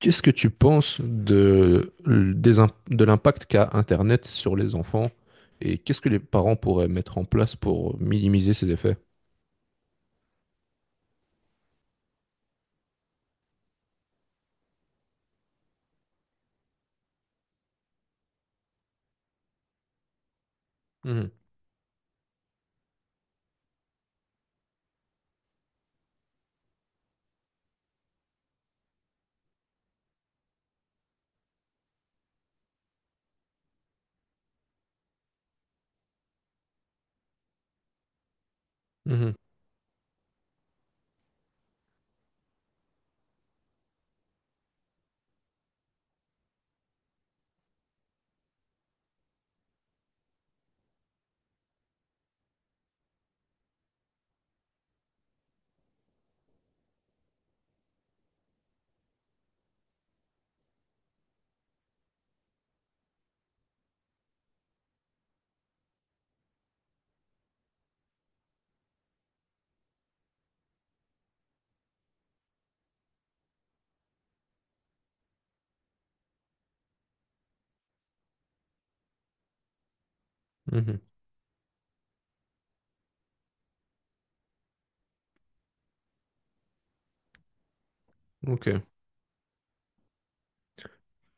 Qu'est-ce que tu penses de l'impact qu'a Internet sur les enfants et qu'est-ce que les parents pourraient mettre en place pour minimiser ces effets? Mhm, mhm, mhm. Ok.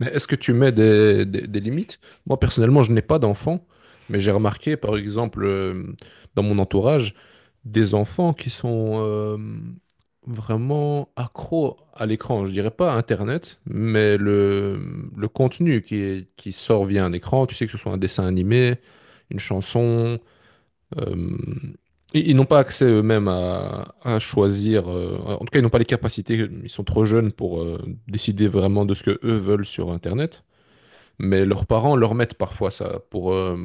Mais est-ce que tu mets des limites? Moi, personnellement, je n'ai pas d'enfants, mais j'ai remarqué, par exemple, dans mon entourage, des enfants qui sont vraiment accros à l'écran. Je dirais pas à Internet, mais le contenu qui sort via un écran, tu sais, que ce soit un dessin animé, une chanson, euh, ils n'ont pas accès eux-mêmes à choisir. Euh, en tout cas, ils n'ont pas les capacités. Ils sont trop jeunes pour décider vraiment de ce que eux veulent sur Internet. Mais leurs parents leur mettent parfois ça pour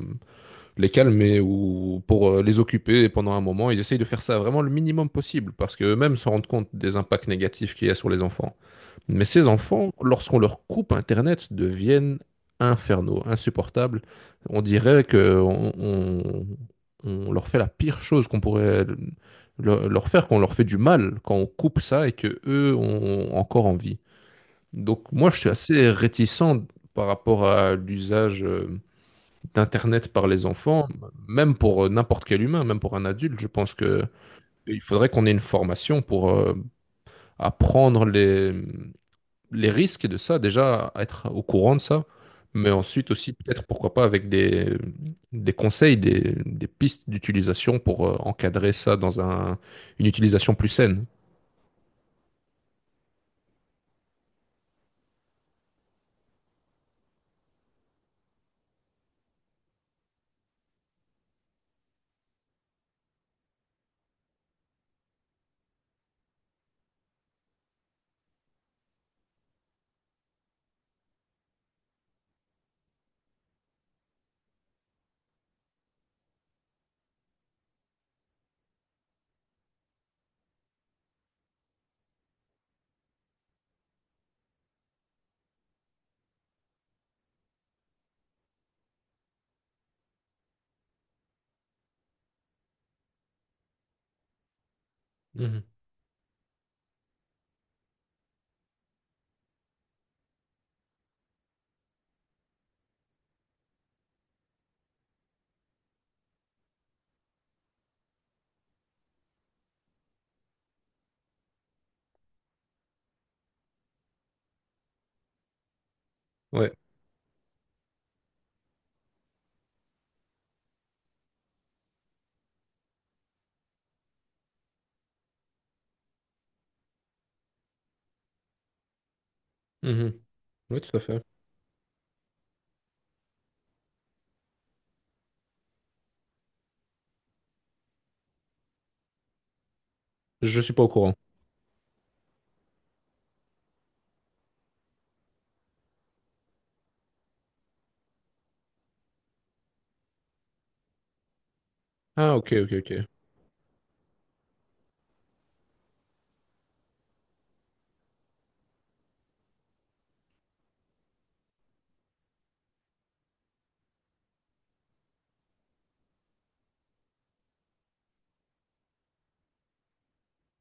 les calmer ou pour les occuper et pendant un moment. Ils essayent de faire ça vraiment le minimum possible parce qu'eux-mêmes se rendent compte des impacts négatifs qu'il y a sur les enfants. Mais ces enfants, lorsqu'on leur coupe Internet, deviennent infernaux, insupportables. On dirait que on leur fait la pire chose qu'on pourrait leur faire, qu'on leur fait du mal quand on coupe ça et que eux ont encore envie. Donc moi, je suis assez réticent par rapport à l'usage d'Internet par les enfants, même pour n'importe quel humain, même pour un adulte. Je pense que il faudrait qu'on ait une formation pour apprendre les risques de ça, déjà être au courant de ça, mais ensuite aussi peut-être pourquoi pas avec des conseils, des pistes d'utilisation pour encadrer ça dans une utilisation plus saine. Mhm. Ouais. Mhm. Oui, tout à fait. Je suis pas au courant. Ah, ok, ok, ok.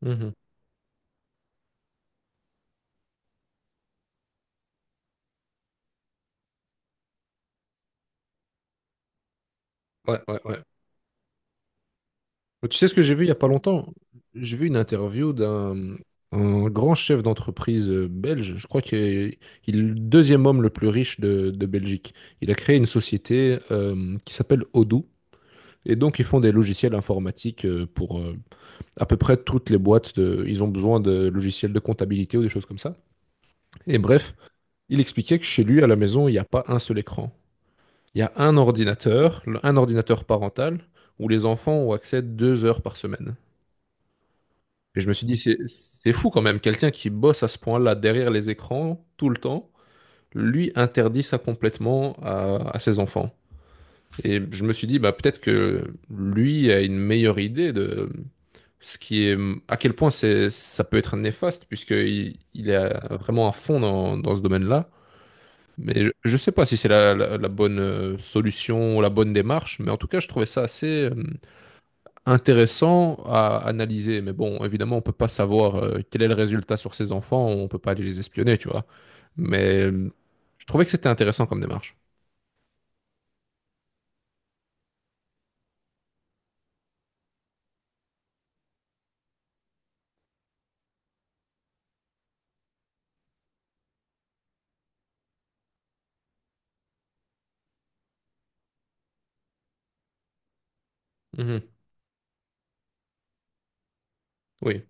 Mhm. Ouais, ouais, ouais. Bah, tu sais ce que j'ai vu il y a pas longtemps? J'ai vu une interview d'un un grand chef d'entreprise belge. Je crois qu'il est, il est le deuxième homme le plus riche de Belgique. Il a créé une société qui s'appelle Odoo. Et donc, ils font des logiciels informatiques pour à peu près toutes les boîtes. Ils ont besoin de logiciels de comptabilité ou des choses comme ça. Et bref, il expliquait que chez lui, à la maison, il n'y a pas un seul écran. Il y a un ordinateur, un ordinateur parental, où les enfants ont accès 2 heures par semaine. Et je me suis dit, c'est fou quand même, quelqu'un qui bosse à ce point-là derrière les écrans tout le temps, lui interdit ça complètement à ses enfants. Et je me suis dit, bah, peut-être que lui a une meilleure idée de ce qui est, à quel point c'est, ça peut être néfaste, puisqu'il est vraiment à fond dans, dans ce domaine-là. Mais je sais pas si c'est la bonne solution ou la bonne démarche, mais en tout cas, je trouvais ça assez, euh, intéressant à analyser. Mais bon, évidemment, on peut pas savoir quel est le résultat sur ces enfants, on peut pas aller les espionner, tu vois. Mais je trouvais que c'était intéressant comme démarche. Mhm. Oui.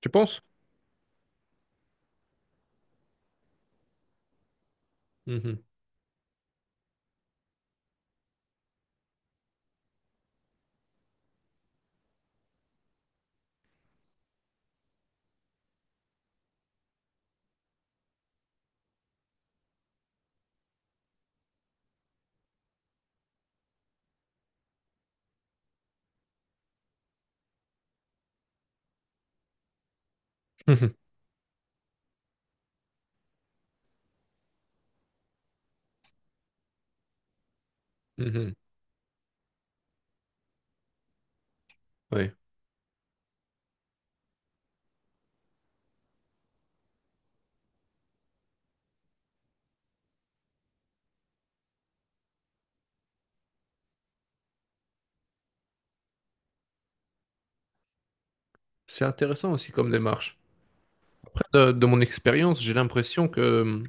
Tu penses? Mhm. Mhm. Mhm. Oui. C'est intéressant aussi comme démarche. Après, de mon expérience, j'ai l'impression que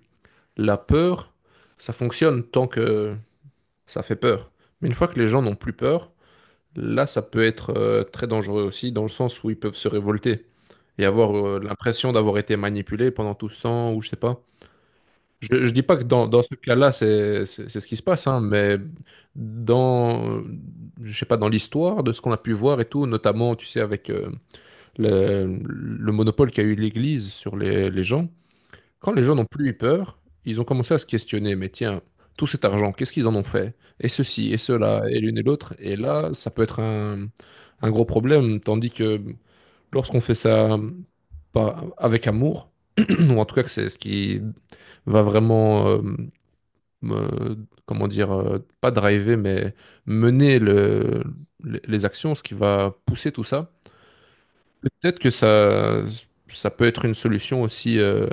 la peur, ça fonctionne tant que ça fait peur. Mais une fois que les gens n'ont plus peur, là, ça peut être très dangereux aussi, dans le sens où ils peuvent se révolter et avoir l'impression d'avoir été manipulés pendant tout ce temps, ou je sais pas. Je dis pas que dans, dans ce cas-là, c'est ce qui se passe, hein, mais dans, je sais pas, dans l'histoire de ce qu'on a pu voir et tout, notamment, tu sais, avec le monopole qu'a eu l'Église sur les gens, quand les gens n'ont plus eu peur, ils ont commencé à se questionner, mais tiens, tout cet argent, qu'est-ce qu'ils en ont fait? Et ceci, et cela, et l'une et l'autre. Et là, ça peut être un gros problème, tandis que lorsqu'on fait ça pas avec amour, ou en tout cas que c'est ce qui va vraiment, me- comment dire, pas driver, mais mener les actions, ce qui va pousser tout ça, peut-être que ça peut être une solution aussi,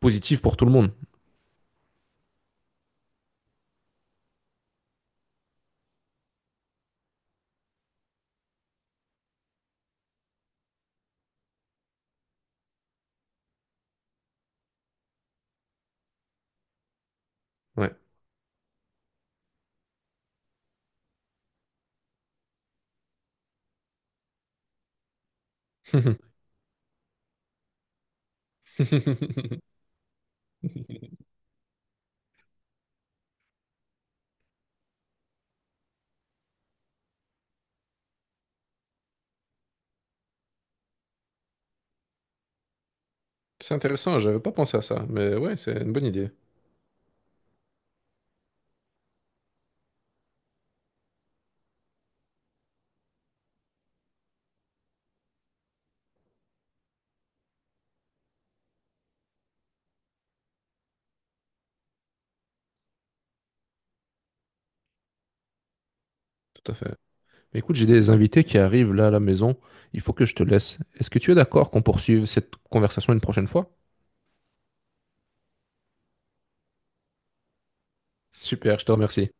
positive pour tout le monde. Ouais. C'est intéressant, j'avais pas pensé à ça, mais ouais, c'est une bonne idée, tout à fait. Mais écoute, j'ai des invités qui arrivent là à la maison, il faut que je te laisse. Est-ce que tu es d'accord qu'on poursuive cette conversation une prochaine fois? Super, je te remercie.